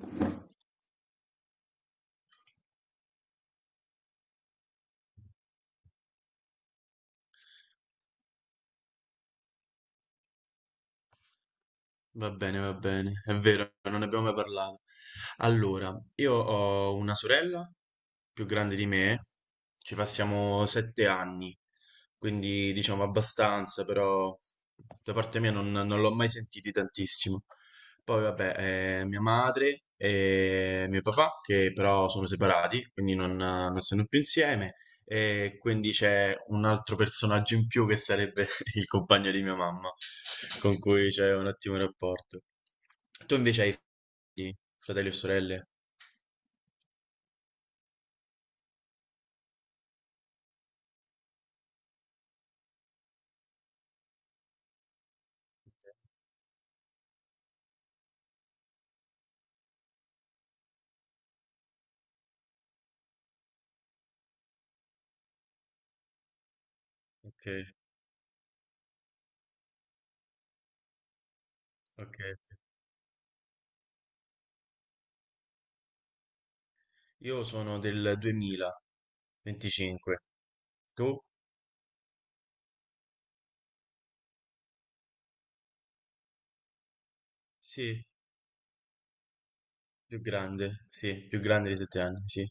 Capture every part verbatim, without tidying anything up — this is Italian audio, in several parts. due. Va bene, va bene, è vero, non ne abbiamo mai parlato. Allora, io ho una sorella più grande di me, ci passiamo sette anni, quindi diciamo abbastanza, però da parte mia non, non l'ho mai sentiti tantissimo. Poi vabbè, eh, mia madre e mio papà, che però sono separati, quindi non, non stanno più insieme, e quindi c'è un altro personaggio in più che sarebbe il compagno di mia mamma con cui c'è un ottimo rapporto. Tu invece hai figli, fratelli o sorelle? Ok, ok. Ok. Io sono del duemilaventicinque. Tu? Sì, più grande, sì, più grande di sette anni, sì.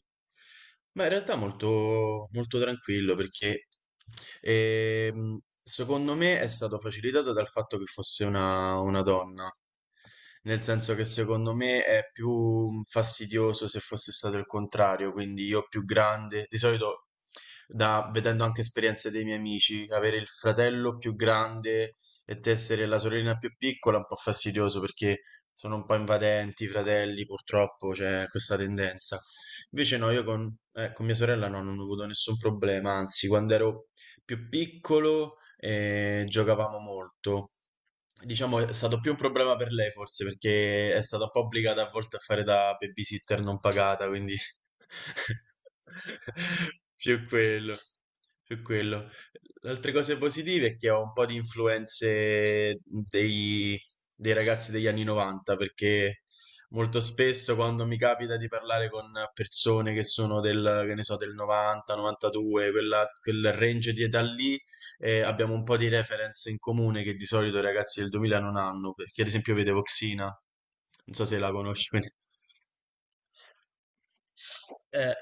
Ma in realtà molto, molto tranquillo perché ehm, secondo me è stato facilitato dal fatto che fosse una, una donna. Nel senso che secondo me è più fastidioso se fosse stato il contrario, quindi io più grande, di solito da- vedendo anche esperienze dei miei amici, avere il fratello più grande e te essere la sorellina più piccola è un po' fastidioso perché sono un po' invadenti i fratelli, purtroppo c'è questa tendenza. Invece no, io con, eh, con mia sorella no, non ho avuto nessun problema, anzi, quando ero più piccolo eh, giocavamo molto. Diciamo è stato più un problema per lei forse perché è stata un po' obbligata a volte a fare da babysitter non pagata, quindi più quello, più quello. Le altre cose positive è che ho un po' di influenze dei, dei ragazzi degli anni novanta perché molto spesso quando mi capita di parlare con persone che sono del, che ne so, del novanta, novantadue, quella- quel range di età lì, eh, abbiamo un po' di reference in comune che di solito i ragazzi del duemila non hanno, perché ad esempio vedevo Xina, non so se la conosci. Quindi... Eh.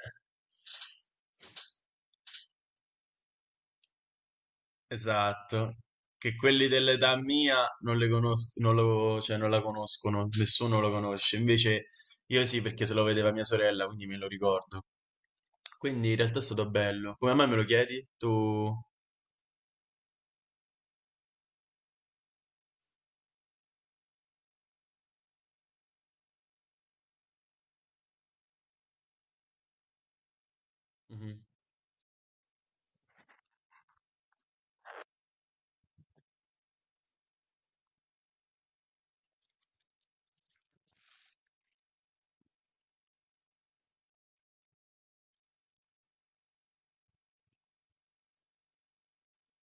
Esatto, che quelli dell'età mia non le conos- non lo- cioè, non la conoscono, nessuno lo conosce. Invece io sì, perché se lo vedeva mia sorella, quindi me lo ricordo. Quindi in realtà è stato bello. Come mai me lo chiedi? Tu... Mhm.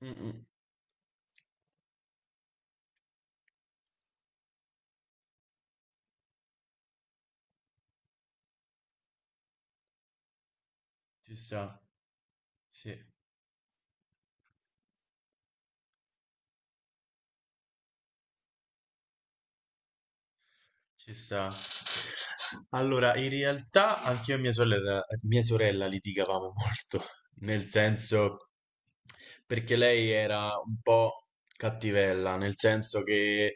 Mm-mm. Ci sta, sì, ci sta. Allora, in realtà anche io e mia sorella, mia sorella litigavamo molto, nel senso... perché lei era un po' cattivella, nel senso che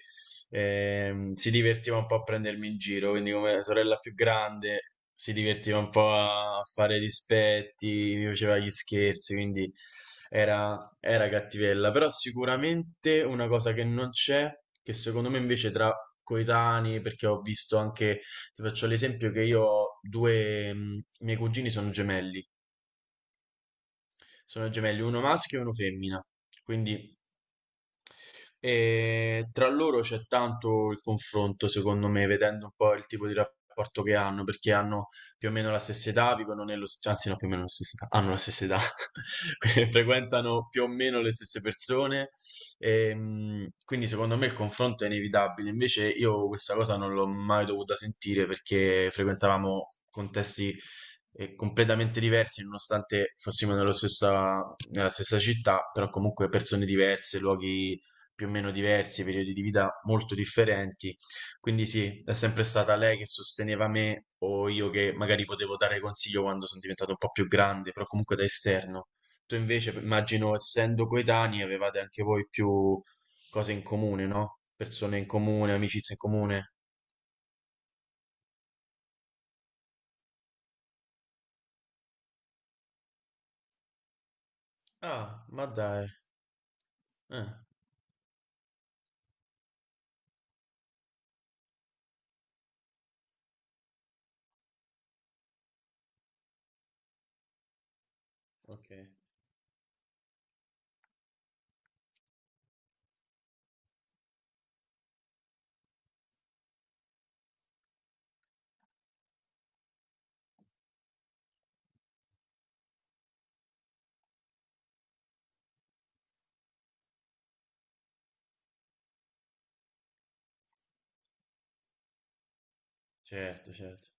ehm, si divertiva un po' a prendermi in giro, quindi come sorella più grande si divertiva un po' a fare dispetti, mi faceva gli scherzi, quindi era, era cattivella. Però sicuramente una cosa che non c'è, che secondo me invece tra coetanei, perché ho visto anche, ti faccio l'esempio che io ho due, mm, miei cugini sono gemelli. Sono gemelli, uno maschio e uno femmina. Quindi eh, tra loro c'è tanto il confronto, secondo me, vedendo un po' il tipo di rapporto che hanno, perché hanno più o meno la stessa età, vivono nello, st- anzi no, più o meno la stessa età, hanno la stessa età, quindi frequentano più o meno le stesse persone, ehm, quindi secondo me il confronto è inevitabile. Invece io questa cosa non l'ho mai dovuta sentire perché frequentavamo contesti e completamente diversi, nonostante fossimo nello stessa- nella stessa città, però comunque persone diverse, luoghi più o meno diversi, periodi di vita molto differenti. Quindi sì, è sempre stata lei che sosteneva me o io che magari potevo dare consiglio quando sono diventato un po' più grande, però comunque da esterno. Tu invece, immagino, essendo coetanei, avevate anche voi più cose in comune, no? Persone in comune, amicizie in comune. Ah, ma dai. Ah, ok. Certo, certo.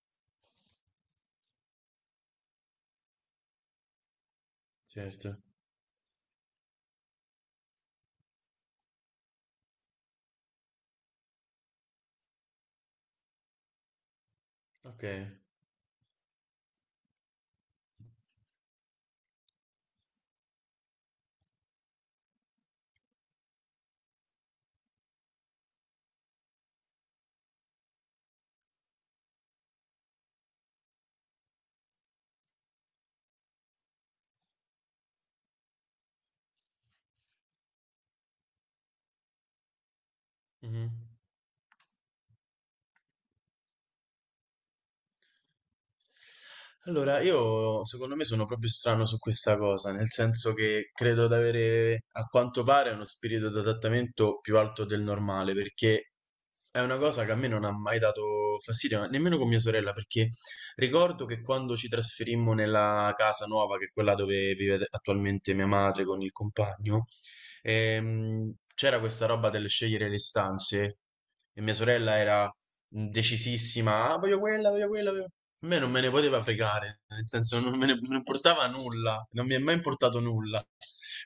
Certo, ok. Mhm. Allora, io secondo me sono proprio strano su questa cosa, nel senso che credo di avere a quanto pare uno spirito d'adattamento più alto del normale, perché è una cosa che a me non ha mai dato fastidio, ma nemmeno con mia sorella, perché ricordo che quando ci trasferimmo nella casa nuova, che è quella dove vive ad- attualmente mia madre con il compagno, ehm, c'era questa roba del scegliere le stanze e mia sorella era decisissima, ah, voglio quella, voglio quella, voglio-". A me non me ne poteva fregare, nel senso non me ne non importava nulla, non mi è mai importato nulla.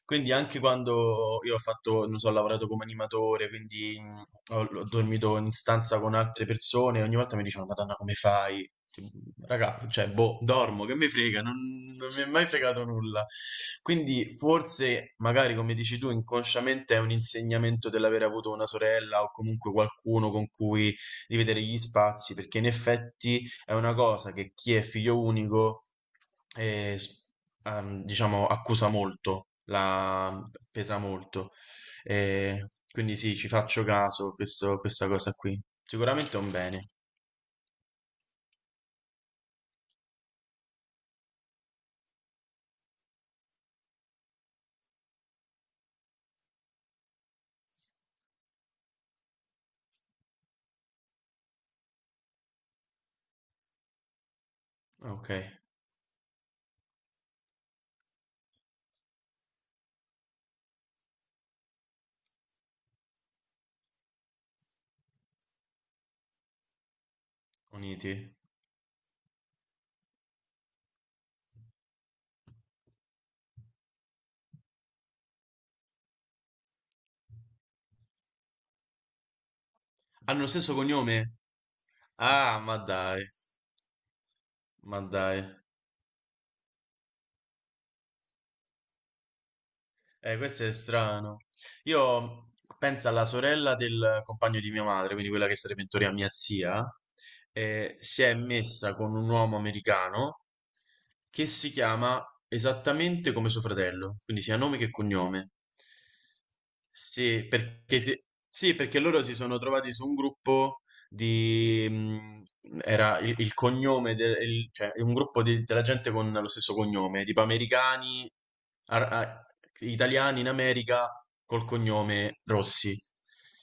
Quindi anche quando io ho fatto, non so, ho lavorato come animatore, quindi mh, ho, ho dormito in stanza con altre persone, ogni volta mi dicevano, Madonna, come fai? Tipo, raga, cioè, boh, dormo, che mi frega, non, non mi è mai fregato nulla. Quindi forse, magari come dici tu, inconsciamente è un insegnamento dell'aver avuto una sorella o comunque qualcuno con cui dividere gli spazi, perché in effetti è una cosa che chi è figlio unico, eh, s- ehm, diciamo, accusa molto, la pesa molto. Eh, quindi sì, ci faccio caso questo- questa cosa qui. Sicuramente è un bene. Ah, ok, uniti. Hanno lo stesso cognome? Ah, ma dai, ma dai. Eh, questo è strano. Io penso alla sorella del compagno di mia madre, quindi quella che sarebbe in teoria mia zia, eh, si è messa con un uomo americano che si chiama esattamente come suo fratello, quindi sia nome che cognome. Sì, perché, si- sì, perché loro si sono trovati su un gruppo di... mh, era il, il cognome, del, il- cioè un gruppo di- della gente con lo stesso cognome, tipo americani, ar- a- italiani in America col cognome Rossi.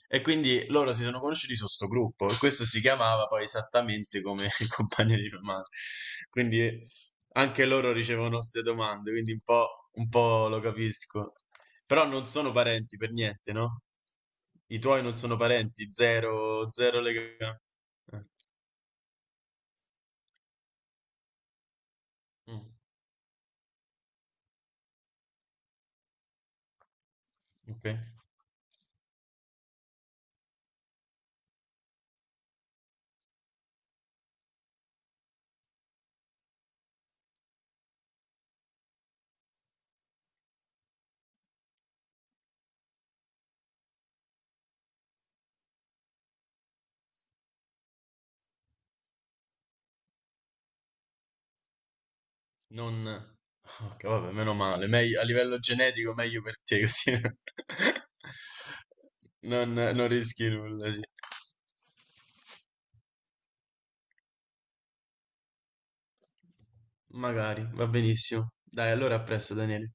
E quindi loro si sono conosciuti su sto gruppo e questo si chiamava poi esattamente come il compagno di mia madre. Quindi anche loro ricevono 'ste domande, quindi un po' un po' lo capisco. Però non sono parenti per niente, no? I tuoi non sono parenti, zero zero legame. Eh, mh, okay. Non okay, vabbè, meno male. Meglio a livello genetico meglio per te così non non rischi nulla, sì. Magari, va benissimo. Dai, allora a presto, Daniele.